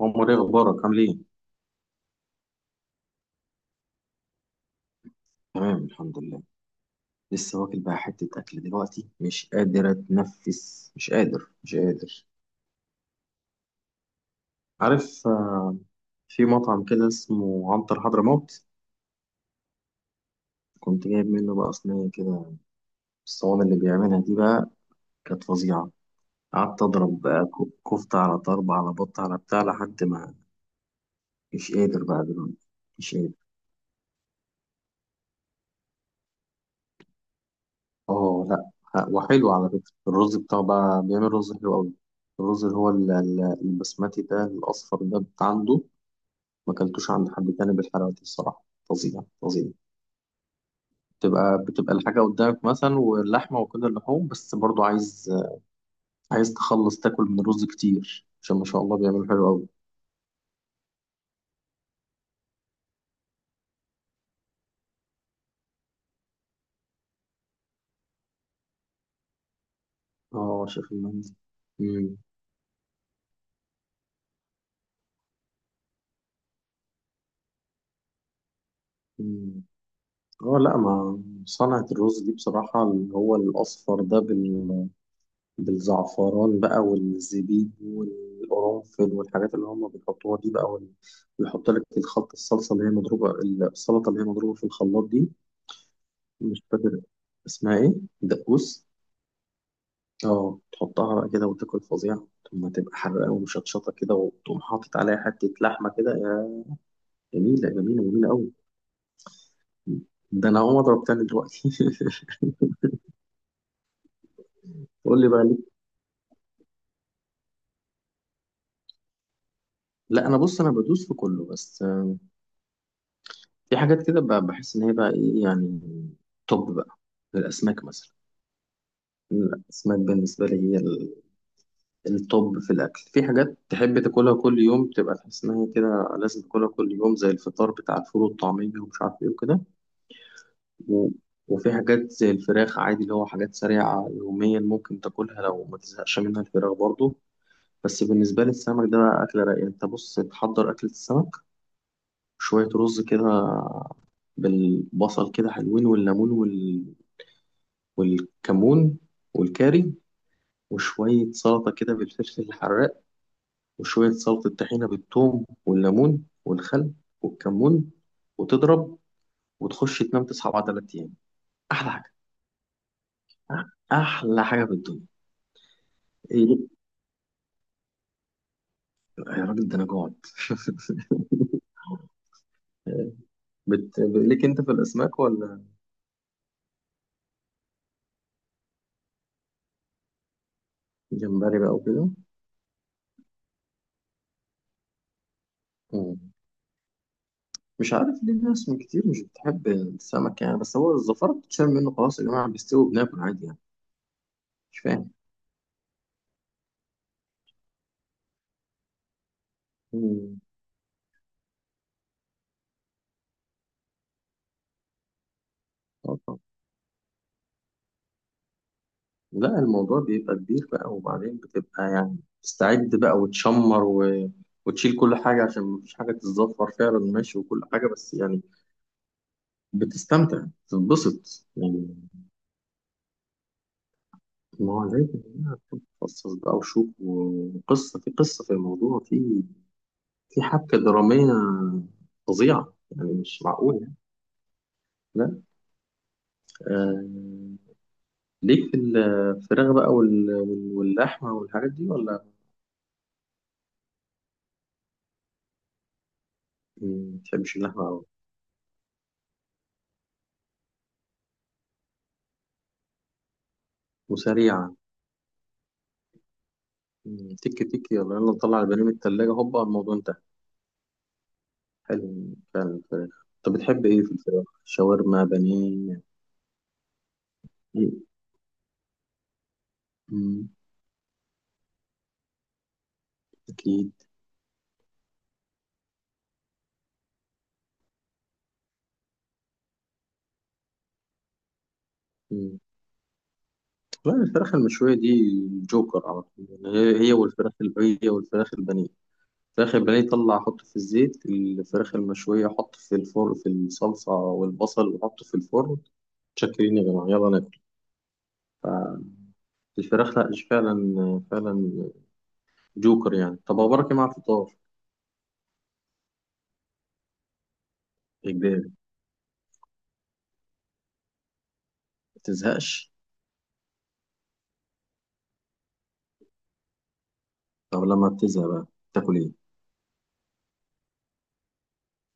عمر، ايه اخبارك؟ عامل ايه؟ تمام، الحمد لله. لسه واكل بقى حته اكل دلوقتي، مش قادر اتنفس، مش قادر مش قادر. عارف. في مطعم كده اسمه عنتر حضرموت. كنت جايب منه بقى صينيه كده، الصواني اللي بيعملها دي بقى كانت فظيعه. قعدت اضرب بقى كفته على طرب على بط على بتاع لحد ما مش قادر بقى دلوقتي. مش قادر. اه، لا. وحلو على فكره. الرز بتاعه بقى بيعمل رز حلو قوي. الرز اللي هو البسمتي ده الأصفر ده بتاع عنده. ما اكلتوش عند حد تاني بالحلاوه دي الصراحه. فظيع فظيع. بتبقى الحاجه قدامك مثلا واللحمه وكل اللحوم، بس برضو عايز عايز تخلص تاكل من الرز كتير عشان ما شاء الله بيعملوا حلو قوي. اه، شايف المندي. مم. مم. اه، لا، ما صنعة الرز دي بصراحة اللي هو الأصفر ده بالزعفران بقى والزبيب والقرنفل والحاجات اللي هم بيحطوها دي بقى ويحط لك الخلطة الصلصة اللي هي مضروبة، السلطة اللي هي مضروبة في الخلاط دي. مش فاكر اسمها ايه، دقوس. اه، تحطها بقى كده وتاكل، فظيعة. ثم تبقى حرقة ومشطشطة كده وتقوم حاطط عليها حتة لحمة كده يا جميلة جميلة جميلة أوي. ده أنا هقوم أضرب تاني دلوقتي. قول لي بقى ليه. لا، أنا بص أنا بدوس في كله بس. في حاجات كده بحس إن هي بقى إيه يعني، توب بقى. الأسماك مثلا. الأسماك بالنسبة لي هي التوب في الأكل. في حاجات تحب تاكلها كل يوم تبقى تحس إن هي كده لازم تاكلها كل يوم زي الفطار بتاع الفول والطعمية ومش عارف إيه وكده. و- وفي حاجات زي الفراخ عادي اللي هو حاجات سريعة يوميا ممكن تاكلها لو ما تزهقش منها، الفراخ برضو. بس بالنسبة للسمك ده بقى أكلة رايقة. أنت بص تحضر أكلة السمك، شوية رز كده، بالبصل كده حلوين، والليمون والكمون والكاري، وشوية سلطة كده بالفلفل الحراق، وشوية سلطة طحينة بالثوم والليمون والخل والكمون، وتضرب وتخش تنام تصحى بعد 3 أيام. أحلى حاجة. أحلى حاجة في الدنيا. إيه؟ يا راجل ده انا جوعت. ليك انت في الاسماك ولا؟ جمبري بقى وكده. مم. مش عارف ليه ناس من كتير مش بتحب السمك يعني، بس هو الزفارة بتتشال منه خلاص يا جماعة، بيستوي وبناكل عادي يعني. مش فاهم. مم. آه، طبعا. لا، الموضوع بيبقى كبير بقى، وبعدين بتبقى يعني تستعد بقى وتشمر وتشيل كل حاجة عشان مفيش حاجة تتزفر فعلا، ماشي. وكل حاجة بس يعني بتستمتع تتبسط يعني. ما هو لازم بقى تتخصص بقى وشوف، وقصة في قصة، في الموضوع في حبكة درامية فظيعة يعني، مش معقول يعني. لا. آه. ليك في الفراخ بقى واللحمة والحاجات دي ولا؟ ما بتحبش اللحمة أوي. وسريعة. تك تك يلا يلا نطلع البانيه من التلاجة، هوبا الموضوع انتهى. حلو فعلا الفراخ. طب بتحب ايه في الفراخ؟ شاورما، بانيه، يعني؟ إيه؟ مم. أكيد. لا، الفراخ المشوية دي جوكر على طول يعني. هي والفراخ البانيه. الفراخ البانيه طلع حط في الزيت. الفراخ المشوية حط في الفرن في الصلصة والبصل وحط في الفرن. تشكرين يا جماعة يلا ناكل. الفراخ لا، مش فعلا فعلا جوكر يعني. طب أبو بركة مع الفطار؟ إجباري. ما تزهقش. طب لما بتزهق بقى تاكل إيه؟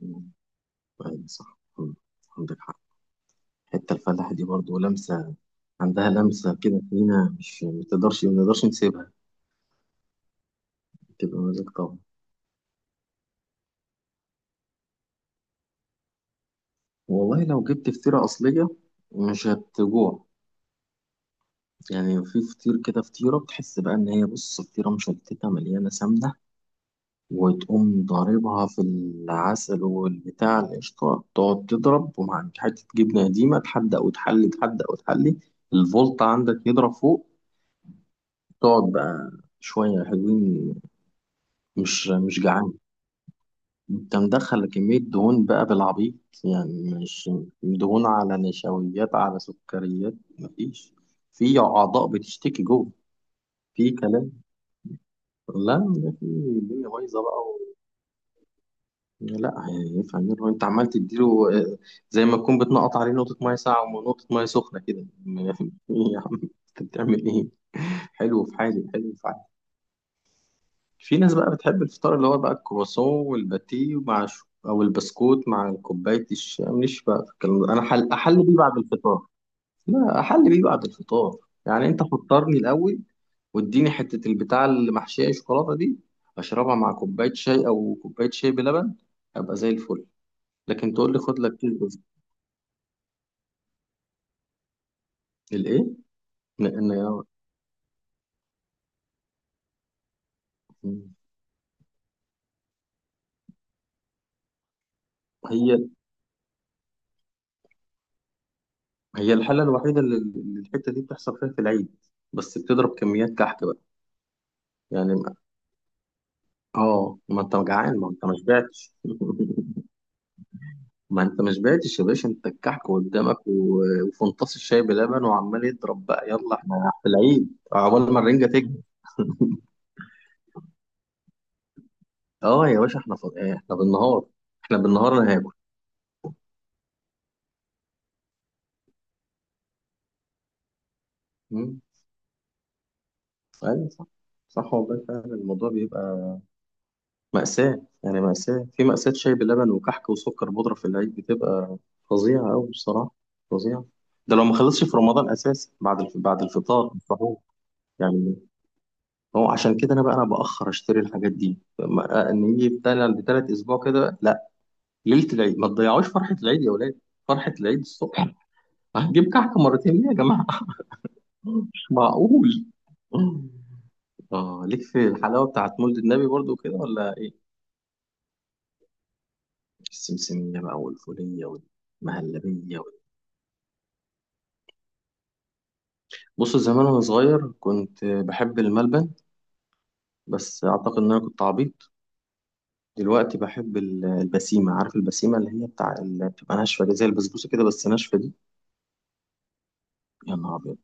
مم. أيوة صح. مم. عندك حق. حتة الفلاحة دي برضه لمسة، عندها لمسة كده فينا، مش ما تقدرش ما نقدرش نسيبها. تبقى مزاج طبعا. والله لو جبت فطيرة أصلية مش هتجوع. يعني في فطير كده، فطيرة بتحس بقى إن هي بص فطيرة مشلتتة مليانة سمنة، وتقوم ضاربها في العسل والبتاع القشطة، تقعد تضرب، ومع حتة جبنة قديمة، تحدق وتحلي تحدق وتحلي. الفولت عندك يضرب فوق، تقعد بقى شوية حلوين، مش جعان. انت مدخل كمية دهون بقى بالعبيط، يعني مش، دهون على نشويات على سكريات. مفيش. في أعضاء بتشتكي جوه. في كلام. لا، ده في الدنيا بايظة بقى لا هيفهم، يعني انت عمال تديله. آه، زي ما تكون بتنقط عليه نقطة مية ساقعة ونقطة مية سخنة كده. يا عم انت بتعمل ايه؟ حلو في حالي، حلو في. في ناس بقى بتحب الفطار اللي هو بقى الكرواسون والباتيه مع او البسكوت مع كوبايه الشاي. ماليش بقى في الكلام ده. انا احل بيه بعد الفطار. لا، احل بيه بعد الفطار. يعني انت فطرني الاول، واديني حته البتاع اللي محشيه شوكولاته دي، اشربها مع كوبايه شاي او كوبايه شاي بلبن، ابقى زي الفل. لكن تقول لي خد لك كيس بس؟ الايه؟ لان هي، هي الحاله الوحيده اللي الحته دي بتحصل فيها في العيد، بس بتضرب كميات كحك بقى، يعني. اه ما انت جعان، ما انت ما شبعتش. ما انت ما شبعتش يا باشا، انت الكحك قدامك وفنطاس الشاي بلبن وعمال يضرب بقى، يلا احنا في العيد عقبال ما الرنجه تكبر. اه يا باشا احنا احنا بالنهار احنا بالنهار انا هاكل. مم. ايوه صح. صح والله فعلا الموضوع بيبقى مأساة يعني، مأساة في مأساة، شاي بلبن وكحك وسكر بودرة في العيد بتبقى فظيعة أوي بصراحة. فظيعة. ده لو ما خلصش في رمضان أساسا، بعد بعد الفطار السحور يعني. هو عشان كده انا بقى انا باخر اشتري الحاجات دي، ان يجي بتالت اسبوع كده، لا، ليله العيد. ما تضيعوش فرحه العيد يا ولاد، فرحه العيد الصبح. هتجيب كحك مرتين ليه يا جماعه؟ مش معقول. اه، ليك في الحلاوه بتاعت مولد النبي برضو كده ولا ايه؟ السمسميه بقى والفوليه والمهلبيه بص زمان وانا صغير كنت بحب الملبن، بس اعتقد ان انا كنت عبيط. دلوقتي بحب البسيمه. عارف البسيمه اللي هي بتاع اللي بتبقى ناشفه دي، زي البسبوسه كده بس ناشفه دي. يا نهار أبيض.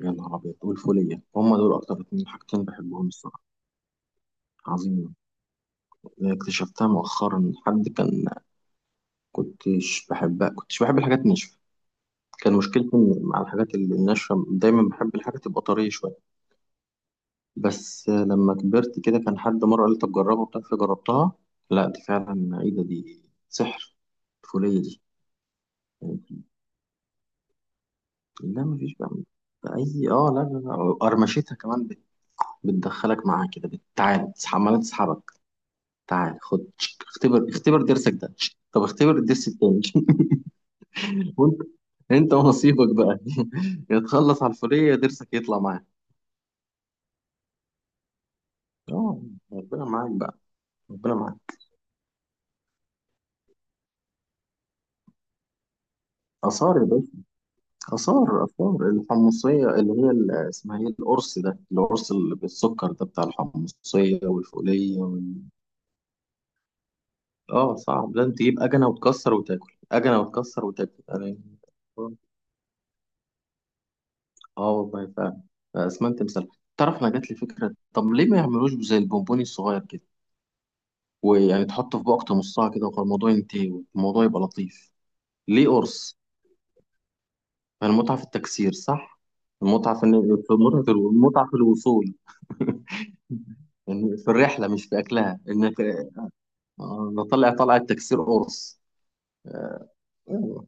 يا نهار أبيض. والفولية هما دول أكتر اتنين حاجتين بحبهم الصراحة. عظيم. اكتشفتها مؤخرا. حد كان كنتش بحبها، كنتش بحب الحاجات ناشفة، كان مشكلتي مع الحاجات اللي ناشفة، دايما بحب الحاجات تبقى طرية شوية. بس لما كبرت كده كان حد مرة قال لي طب جربها وبتاع، فجربتها. لا دي فعلا ايه ده، دي سحر الفولية دي. لا مفيش بقى بأي، اه لا لا لا. قرمشتها كمان بتدخلك معاها كده، بتعال عمالة تسحبك. تعال خد تشك. اختبر اختبر درسك، ده تشك. طب اختبر الدرس التاني. وانت انت ونصيبك بقى. يا تخلص على الفلية يا درسك يطلع معاك. اه. ربنا معاك بقى. ربنا معاك. آثار يا باشا. آثار آثار الحمصية اللي هي اسمها ايه، القرص ده، القرص اللي بالسكر ده بتاع الحمصية والفولية اه صعب ده، انت تجيب أجنة وتكسر وتاكل، أجنة وتكسر وتاكل، اه والله فعلا. اسمنت تمثال. تعرف انا جات لي فكره، طب ليه ما يعملوش زي البونبوني الصغير كده، ويعني تحطه في بوقت نصها كده، والموضوع ينتهي والموضوع يبقى لطيف. ليه قرص؟ يعني المتعه في التكسير، صح؟ المتعه في المتعه في الوصول. يعني في الرحله، مش في اكلها، انك نطلع، طلع التكسير قرص. آه، أيوة.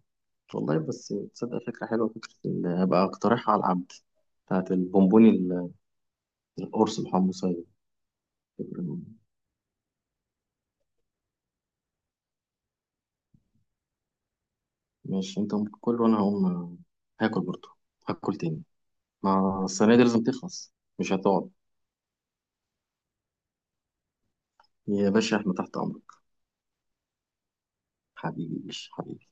والله بس تصدق فكره حلوه، فكره هبقى اقترحها على العبد. بتاعت البونبوني القرص الحمصيه. ماشي انت قوم كل وانا هقوم هاكل برضه، هاكل تاني. ما الصينية دي لازم تخلص، مش هتقعد. يا باشا احنا تحت امرك. حبيبي. يا باشا حبيبي.